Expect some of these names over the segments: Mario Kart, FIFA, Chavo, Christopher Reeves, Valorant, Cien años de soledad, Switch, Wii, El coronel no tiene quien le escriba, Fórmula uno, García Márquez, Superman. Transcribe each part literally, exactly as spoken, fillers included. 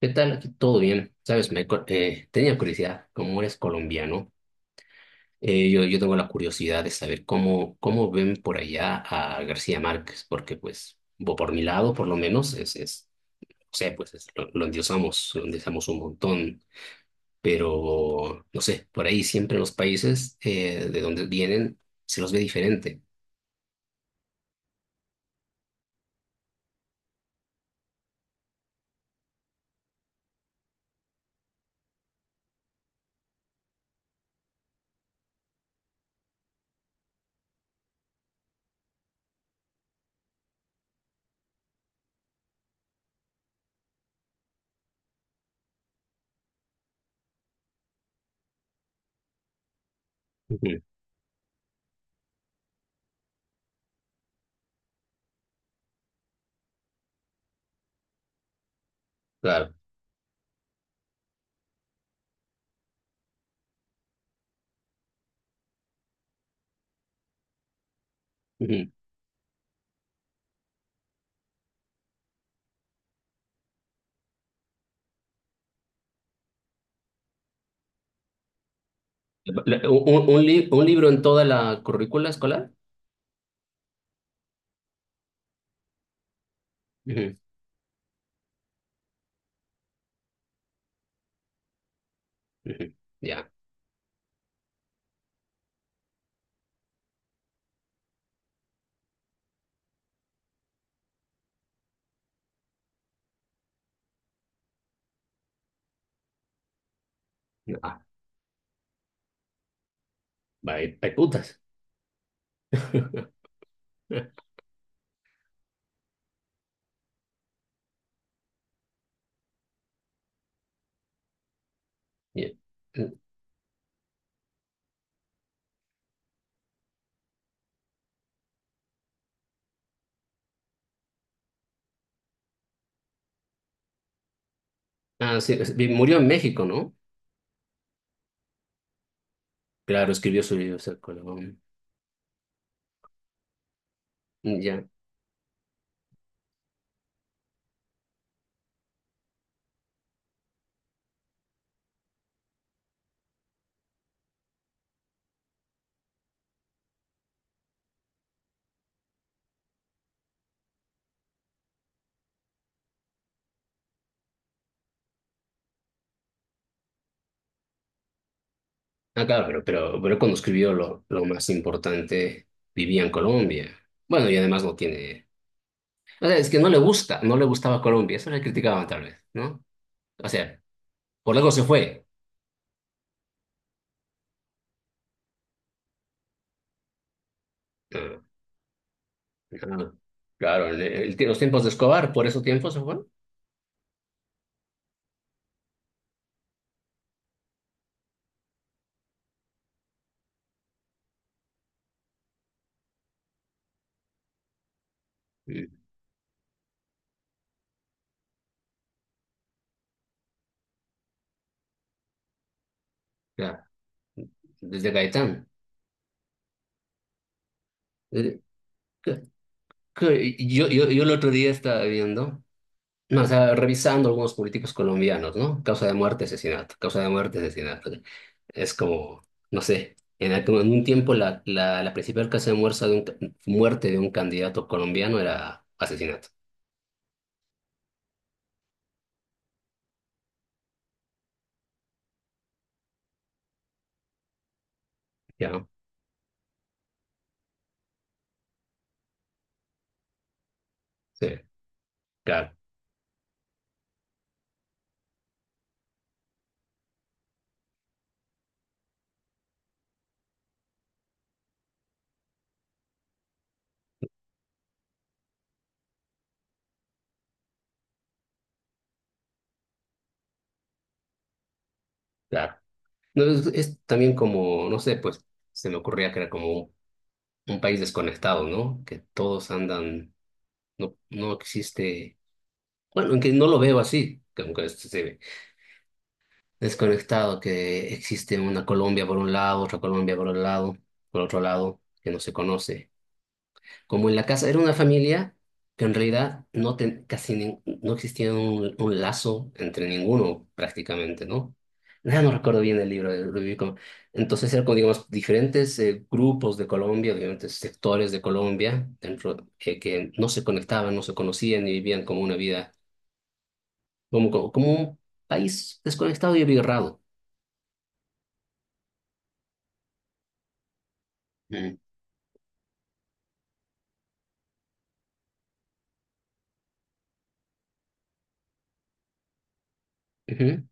¿Qué tal? Aquí todo bien. Sabes, me, co- eh, tenía curiosidad, como eres colombiano, eh, yo, yo tengo la curiosidad de saber cómo, cómo ven por allá a García Márquez, porque pues, bo- por mi lado, por lo menos, es, es, o sea, pues es- lo, lo endiosamos, lo endiosamos un montón, pero no sé, por ahí siempre en los países eh, de donde vienen se los ve diferente. Ujú. Claro. Ujú. La- Un, un li- un libro en toda la currícula escolar? Ujú. Ujú. Ya. Ah, va, hay hay putas. Bien. Ah, sí, es- bien, murió en México, ¿no? Claro, escribió su libro, Ser Colón. Ya. Ah, claro, pero, pero, pero cuando escribió lo, lo más importante, vivía en Colombia. Bueno, y además no tiene. O sea, es que no le gusta, no le gustaba Colombia, eso le criticaban tal vez, ¿no? O sea, por algo se fue. Ah, ah, claro, en el- en los tiempos de Escobar, por esos tiempos se fue. Mm, Claro, desde Gaitán. Eh, que- que- Yo, yo, yo el otro día estaba viendo. No, o sea, revisando algunos políticos colombianos, ¿no? Causa de muerte, asesinato, causa de muerte, asesinato. Es como, no sé, en, aqu- en un tiempo la, la, la principal causa de muerte de un, ca- muerte de un candidato colombiano era asesinato, ¿ya no? Sí, claro, claro. No, es, es también como, no sé, pues se me ocurría que era como un, un país desconectado, ¿no? Que todos andan, no, no existe, bueno, aunque no lo veo así, que aunque se, desconectado que existe una Colombia por un lado, otra Colombia por un lado, por otro lado, que no se conoce. Como en la casa era una familia que en realidad no ten- casi nin- no existía un, un lazo entre ninguno prácticamente, ¿no? Nada, no recuerdo bien el libro. lo viví como- Entonces eran como, digamos, diferentes eh, grupos de Colombia, diferentes sectores de Colombia, dentro, que, que no se conectaban, no se conocían y vivían como una vida, como, como, como un país desconectado y abigarrado. Mm. Ujú.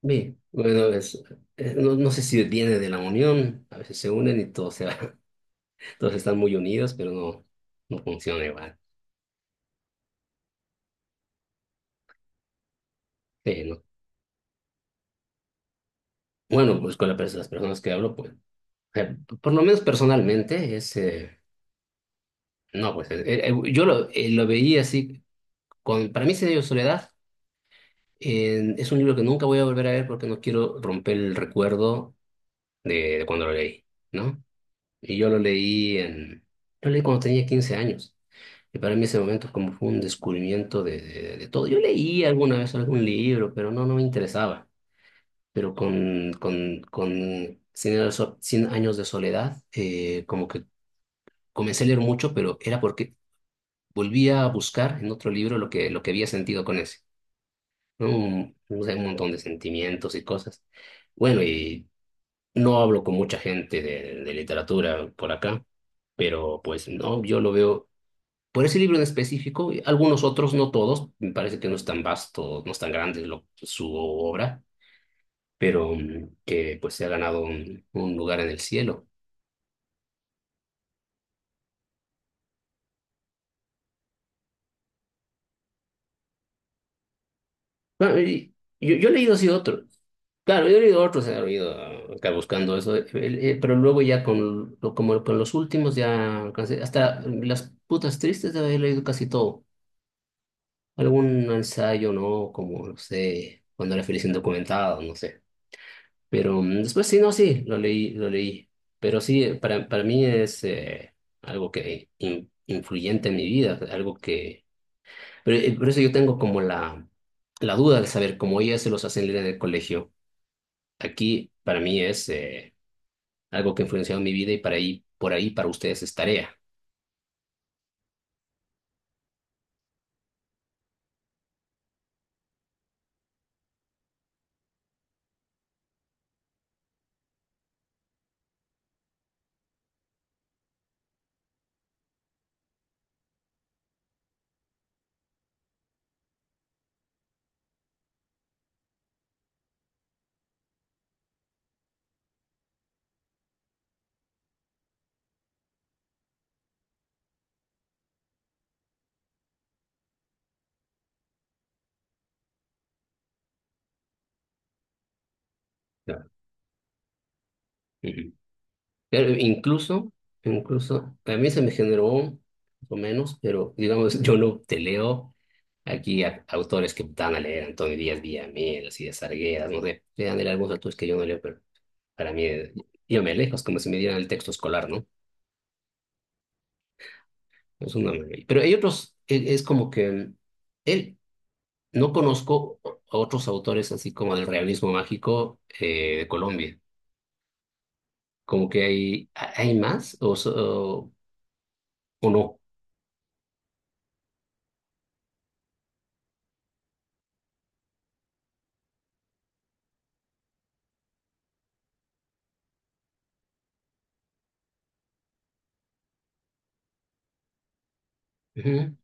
Bien, bueno, es, eh, no, no sé si viene de la unión, a veces se unen y todos, se, todos están muy unidos, pero no, no funciona igual. Sí, ¿no? Bueno, pues con la pers- las personas que hablo, pues, eh, por lo menos personalmente, es, eh, no, pues, eh, eh, yo lo, eh, lo veía así, con, para mí se dio Soledad, eh, es un libro que nunca voy a volver a ver porque no quiero romper el recuerdo de, de cuando lo leí, ¿no? Y yo lo leí en, lo leí cuando tenía quince años. Y para mí ese momento como fue un descubrimiento de, de- de todo. Yo leí alguna vez algún libro, pero no, no me interesaba. Pero con, con, con cien años so- cien años de soledad, eh, como que comencé a leer mucho, pero era porque volvía a buscar en otro libro lo que, lo que había sentido con ese, ¿no? Un, no sé, un montón de sentimientos y cosas. Bueno, y no hablo con mucha gente de, de literatura por acá, pero pues no, yo lo veo. Por ese libro en específico, y algunos otros, no todos, me parece que no es tan vasto, no es tan grande lo- su obra, pero mm, que pues se ha ganado un, un lugar en el cielo. Bueno, y yo, yo he leído así otro, claro, yo he leído otros, he leído ah, acá buscando eso, eh, eh, pero luego ya con, lo- como con los últimos ya alcancé- hasta las putas tristes he leído casi todo. Algún ensayo, ¿no? Como, no sé, cuando era feliz indocumentado, no sé. Pero mm, después sí, no, sí, lo leí, lo leí. Pero sí, para, para mí es eh, algo que in- influyente en mi vida, algo que... Pero eh, por eso yo tengo como la, la duda de saber cómo ellas se los hacen leer en el colegio. Aquí para mí es eh, algo que ha influenciado mi vida y para ahí, por ahí para ustedes es tarea. Claro. Ujú. Pero incluso, incluso, a mí se me generó, más o menos, pero digamos, yo no te leo. Aquí a- autores que dan a leer, Antonio Díaz Villamil, así de Sargueras, no sé, le dan a leer algunos autores que yo no leo, pero para mí, eh, yo me alejo, es como si me dieran el texto escolar, ¿no? Es una maravilla. Pero hay otros, e- es como que mm, él, no conozco a otros autores así como del realismo mágico eh, de Colombia. Como que hay, ¿hay más o, so- o no? Ujú.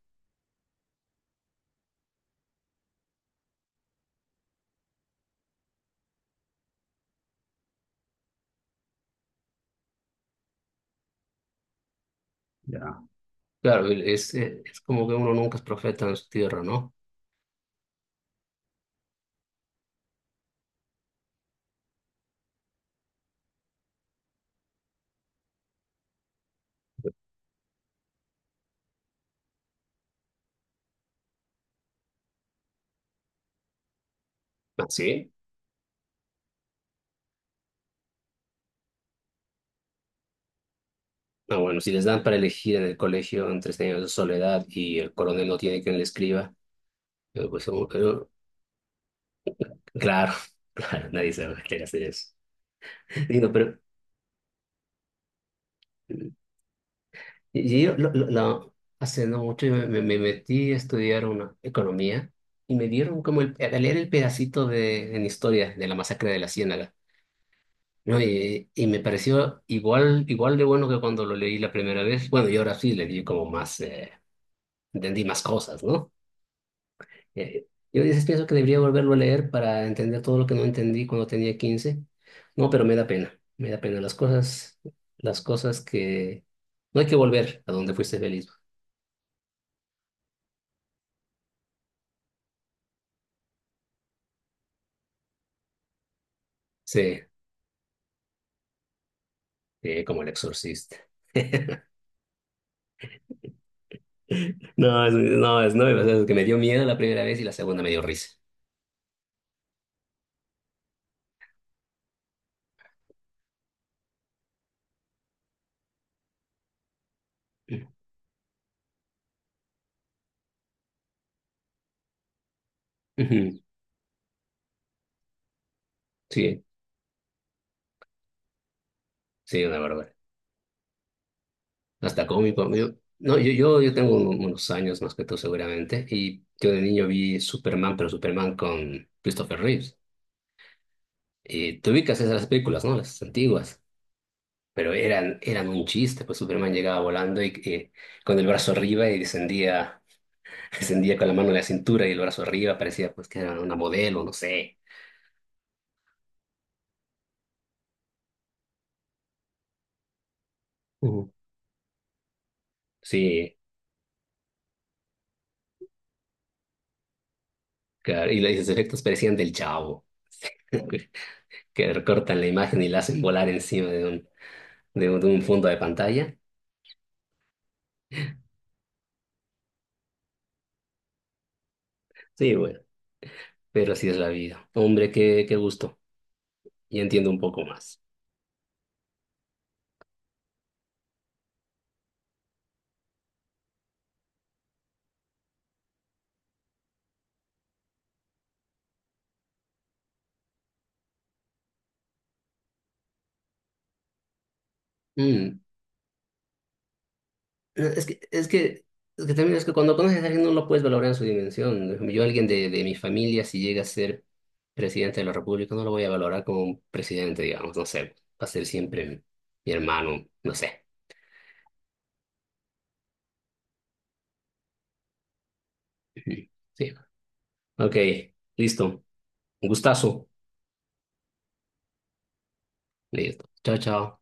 Ya. Claro, es, es como que uno nunca es profeta en su tierra, ¿no? Ah, ¿sí? Ah, bueno, si les dan para elegir en el colegio entre Cien años de soledad y El coronel no tiene quien le escriba, eh, pues como que no. Claro, claro, nadie se va a querer hacer eso. Digo, pero eh, y yo lo- lo- lo- hace no mucho yo me, me- me metí a estudiar una economía y me dieron como el, a leer el pedacito de, en historia de la masacre de la Ciénaga, ¿no? Y, y me pareció igual, igual de bueno que cuando lo leí la primera vez. Bueno, y ahora sí le di como más, eh, entendí más cosas, ¿no? Eh, Yo a veces pienso que debería volverlo a leer para entender todo lo que no entendí cuando tenía quince. No, pero me da pena, me da pena las cosas, las cosas que no hay que volver a donde fuiste feliz. Sí, sí, como el exorcista. No, es, no, es, no, o sea, es que me dio miedo la primera vez y la segunda me dio risa. Ujú. Sí, sí, una barbaridad. Hasta cómico. Yo, no, yo, yo, yo tengo un- unos años más que tú seguramente y yo de niño vi Superman, pero Superman con Christopher Reeves. Eh, te ubicas esas películas, ¿no? Las antiguas. Pero eran, eran un chiste, pues Superman llegaba volando y eh, con el brazo arriba y descendía, descendía con la mano en la cintura y el brazo arriba, parecía pues que era una modelo, no sé. Ujú. Sí, claro, y los efectos parecían del Chavo, que recortan la imagen y la hacen volar encima de un, de un, de un fondo de pantalla. Sí, bueno, pero así es la vida. Hombre, qué, qué gusto. Y entiendo un poco más. Mm, No, Es que, es que, es que también es que cuando conoces a alguien no lo puedes valorar en su dimensión. Por ejemplo, Yo, alguien de, de mi familia, si llega a ser presidente de la República, no lo voy a valorar como un presidente, digamos, no sé. Va a ser siempre mi hermano, no sé. Ujú. Sí. Ok, listo. Un gustazo. Listo. Chao, chao.